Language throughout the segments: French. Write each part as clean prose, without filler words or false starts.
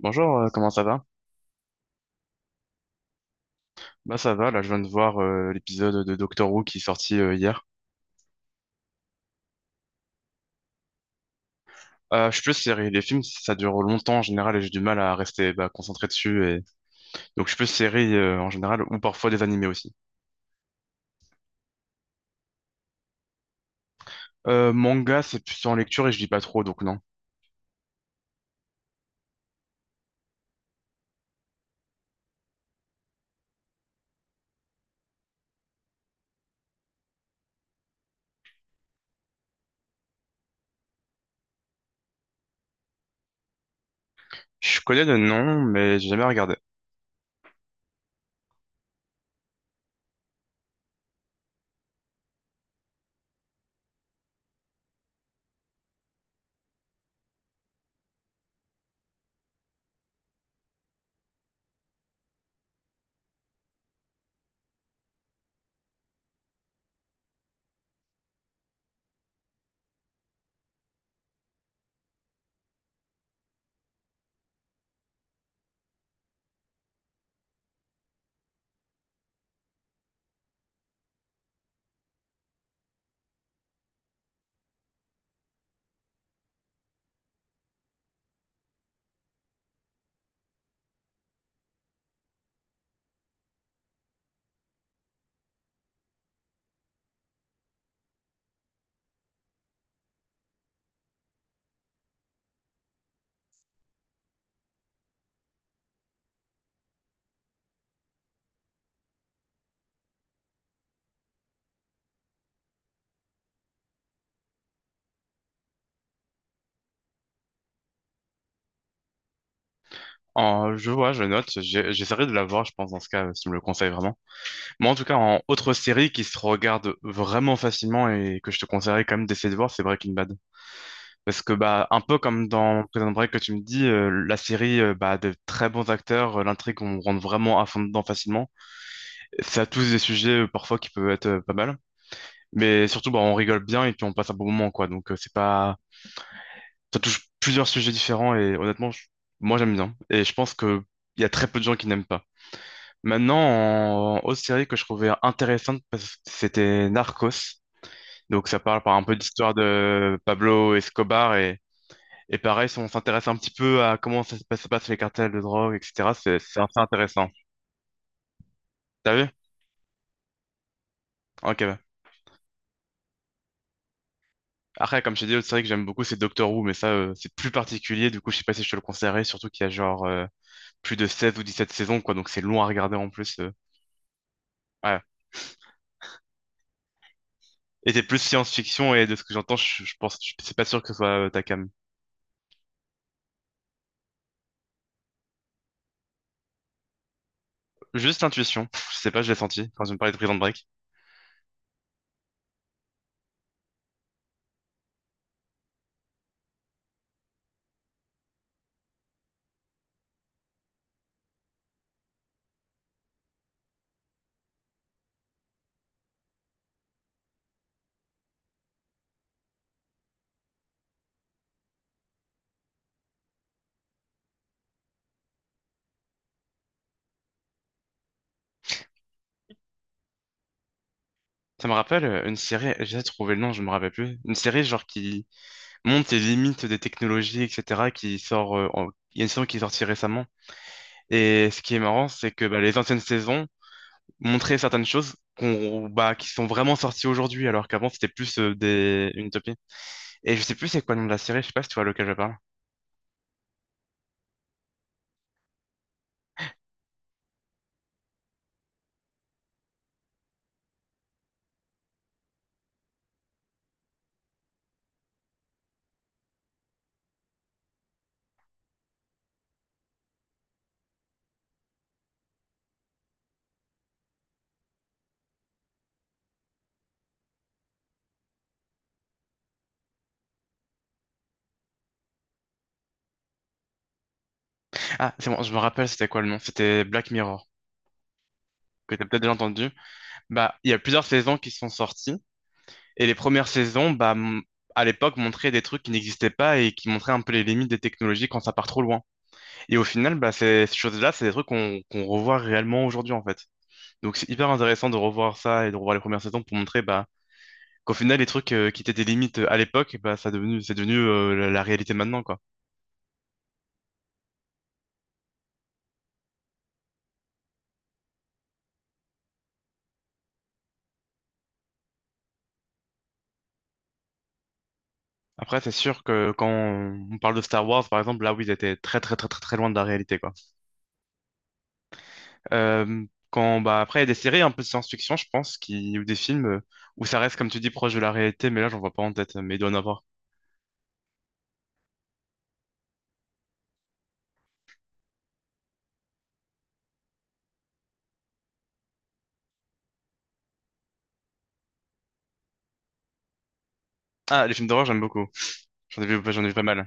Bonjour, comment ça va? Bah ça va, là je viens de voir l'épisode de Doctor Who qui est sorti hier. Je suis plus série, les films ça dure longtemps en général et j'ai du mal à rester concentré dessus et donc je suis plus série en général ou parfois des animés aussi. Manga c'est plutôt en lecture et je lis pas trop donc non. Je connais le nom mais j'ai jamais regardé. Je vois, je note. J'essaierai de la voir, je pense, dans ce cas, si tu me le conseilles vraiment. Moi, en tout cas, en autre série qui se regarde vraiment facilement et que je te conseillerais quand même d'essayer de voir, c'est Breaking Bad. Parce que, bah, un peu comme dans Prison Break que tu me dis, la série, bah, de très bons acteurs, l'intrigue, on rentre vraiment à fond dedans facilement. Ça a tous des sujets, parfois, qui peuvent être pas mal. Mais surtout, bah, on rigole bien et puis on passe un bon moment, quoi. Donc, c'est pas... Ça touche plusieurs sujets différents et honnêtement, moi, j'aime bien. Et je pense que il y a très peu de gens qui n'aiment pas. Maintenant, en autre série que je trouvais intéressante, parce que c'était Narcos. Donc ça parle par un peu d'histoire de Pablo Escobar et pareil, si on s'intéresse un petit peu à comment ça se passe les cartels de drogue, etc. C'est assez intéressant. T'as vu? Ok, bah. Après, comme je t'ai dit, l'autre série que j'aime beaucoup, c'est Doctor Who, mais ça, c'est plus particulier. Du coup, je sais pas si je te le conseillerais, surtout qu'il y a genre plus de 16 ou 17 saisons, quoi. Donc c'est long à regarder en plus, euh. Ouais. Et c'est plus science-fiction et de ce que j'entends, je pense, je suis pas sûr que ce soit ta cam. Juste intuition. Pff, je sais pas, je l'ai senti quand tu me parlais de Prison Break. Ça me rappelle une série, j'ai trouvé le nom, je me rappelle plus. Une série genre qui monte les limites des technologies, etc. qui sort, il y a une saison qui est sortie récemment. Et ce qui est marrant, c'est que bah, les anciennes saisons montraient certaines choses qu'on, bah, qui sont vraiment sorties aujourd'hui, alors qu'avant c'était plus des... une utopie. Et je sais plus c'est quoi le nom de la série, je sais pas si tu vois lequel je parle. Ah, c'est bon, je me rappelle c'était quoi le nom, c'était Black Mirror, que t'as peut-être déjà entendu. Bah, il y a plusieurs saisons qui sont sorties. Et les premières saisons, bah, à l'époque, montraient des trucs qui n'existaient pas et qui montraient un peu les limites des technologies quand ça part trop loin. Et au final, bah, ces choses-là, c'est des trucs qu'on revoit réellement aujourd'hui, en fait. Donc c'est hyper intéressant de revoir ça et de revoir les premières saisons pour montrer bah, qu'au final, les trucs qui étaient des limites à l'époque, bah, c'est devenu la réalité maintenant, quoi. Après, c'est sûr que quand on parle de Star Wars, par exemple, là, oui, ils étaient très, très, très, très, très loin de la réalité, quoi. Euh, quand bah après il y a des séries un peu de science-fiction, je pense, qui ou des films où ça reste comme tu dis proche de la réalité, mais là j'en vois pas en tête, mais il doit en avoir. Ah, les films d'horreur j'aime beaucoup. J'en ai vu, bah, j'en ai vu pas mal.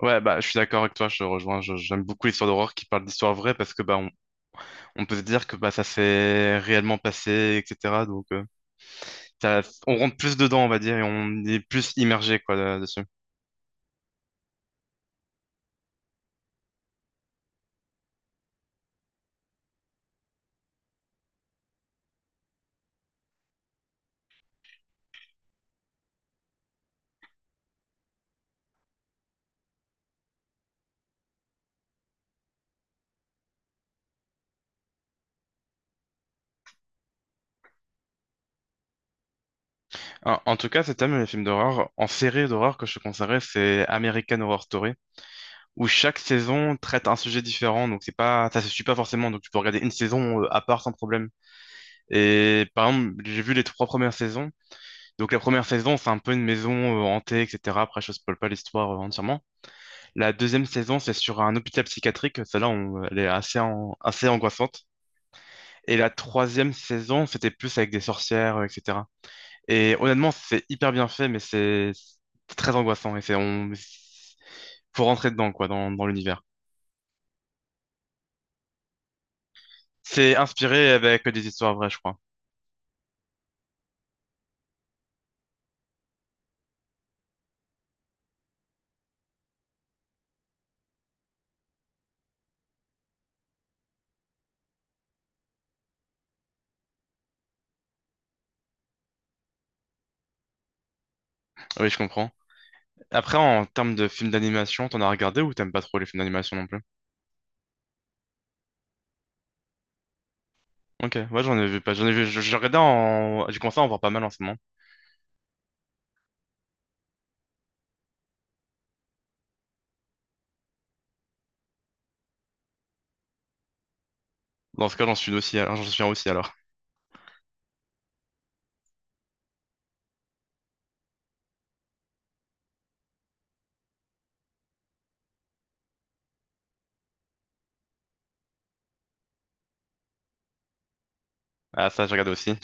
Ouais, bah je suis d'accord avec toi, je te rejoins. J'aime beaucoup les histoires d'horreur qui parlent d'histoires vraies parce que bah on peut se dire que bah ça s'est réellement passé, etc. Donc ça- on rentre plus dedans, on va dire, et on est plus immergé quoi là- dessus. En tout cas, c'est thème les films d'horreur. En série d'horreur que je te conseillerais, c'est American Horror Story, où chaque saison traite un sujet différent. Donc c'est pas, ça se suit pas forcément. Donc tu peux regarder une saison à part sans problème. Et par exemple, j'ai vu les trois premières saisons. Donc la première saison, c'est un peu une maison hantée, etc. Après, je spoil pas l'histoire entièrement. La deuxième saison, c'est sur un hôpital psychiatrique. Celle-là, elle est assez, assez angoissante. Et la troisième saison, c'était plus avec des sorcières, etc. Et honnêtement, c'est hyper bien fait, mais c'est très angoissant. Et c'est, on, faut rentrer dedans, quoi, dans l'univers. C'est inspiré avec des histoires vraies, je crois. Oui, je comprends. Après, en termes de films d'animation, t'en as regardé ou t'aimes pas trop les films d'animation non plus? Ok, ouais, j'en ai vu pas. J'en ai vu. J'ai regardé en. J'ai commencé à en voir pas mal en ce moment. Dans ce cas, j'en suis aussi. J'en souviens aussi alors. Ah, ça, j'ai regardé aussi.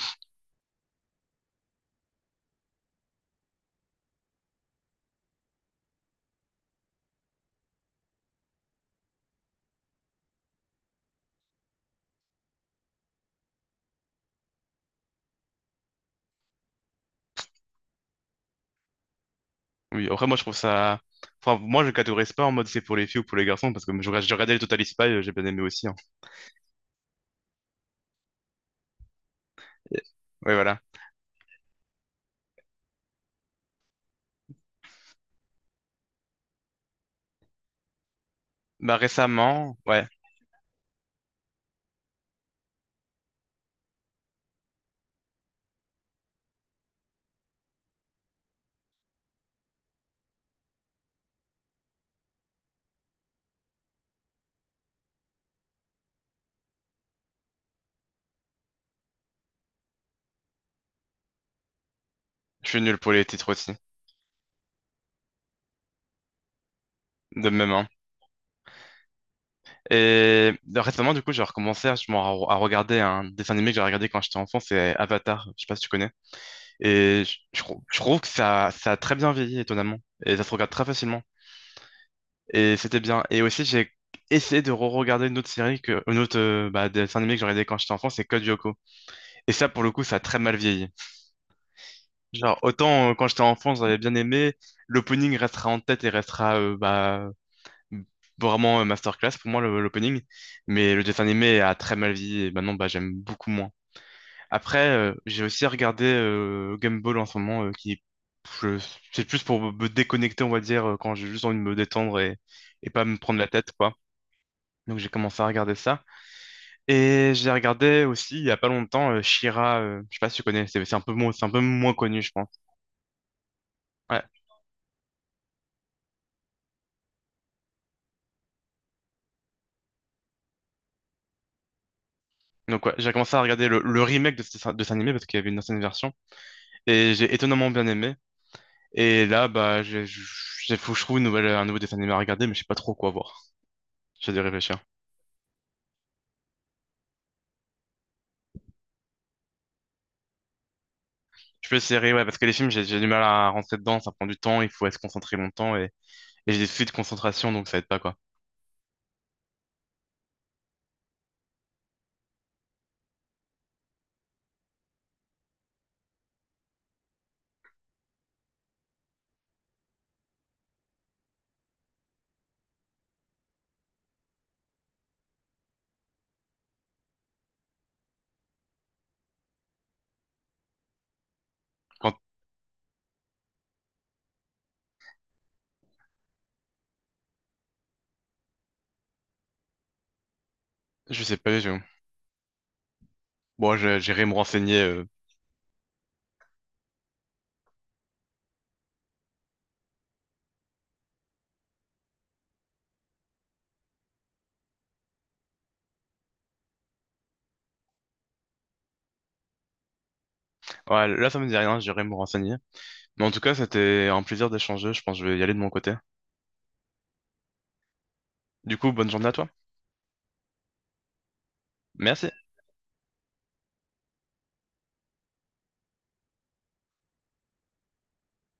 Oui, après, moi, je trouve ça. Enfin, moi, je catégorise pas en mode c'est pour les filles ou pour les garçons, parce que je regardais le Total Spies, j'ai bien aimé aussi, hein. Ouais, voilà. Bah, récemment, ouais, je suis nul pour les titres aussi. De même, hein. Et récemment, du coup, j'ai recommencé à, à regarder un dessin animé que j'ai regardé quand j'étais enfant, c'est Avatar, je sais pas si tu connais. Et je trouve que ça a très bien vieilli, étonnamment. Et ça se regarde très facilement. Et c'était bien. Et aussi, j'ai essayé de re-regarder une autre série, une autre bah, dessin animé que j'ai regardé quand j'étais enfant, c'est Code Lyoko. Et ça, pour le coup, ça a très mal vieilli. Genre, autant quand j'étais enfant, j'avais bien aimé, l'opening restera en tête et restera bah, vraiment masterclass pour moi, l'opening. Mais le dessin animé a très mal vieilli et maintenant, bah, j'aime beaucoup moins. Après, j'ai aussi regardé Gumball en ce moment, qui je- c'est plus pour me déconnecter, on va dire, quand j'ai juste envie de me détendre et pas me prendre la tête, quoi. Donc j'ai commencé à regarder ça. Et j'ai regardé aussi, il y a pas longtemps, She-Ra, je sais pas si tu connais, c'est un peu, c'est un peu moins connu, je pense. Ouais. Donc ouais, j'ai commencé à regarder le remake de, de cet animé parce qu'il y avait une ancienne version et j'ai étonnamment bien aimé. Et là, bah, faut que je trouve une nouvelle, un nouveau dessin animé à regarder, mais je sais pas trop quoi voir. J'ai dû réfléchir. Je peux essayer, ouais, parce que les films, j'ai du mal à rentrer dedans, ça prend du temps, il faut être concentré longtemps et j'ai des soucis de concentration, donc ça aide pas quoi. Quand je sais pas, je... bon, j'irai me renseigner Ouais, là, ça me dit rien, j'irai me renseigner. Mais en tout cas, c'était un plaisir d'échanger. Je pense que je vais y aller de mon côté. Du coup, bonne journée à toi. Merci.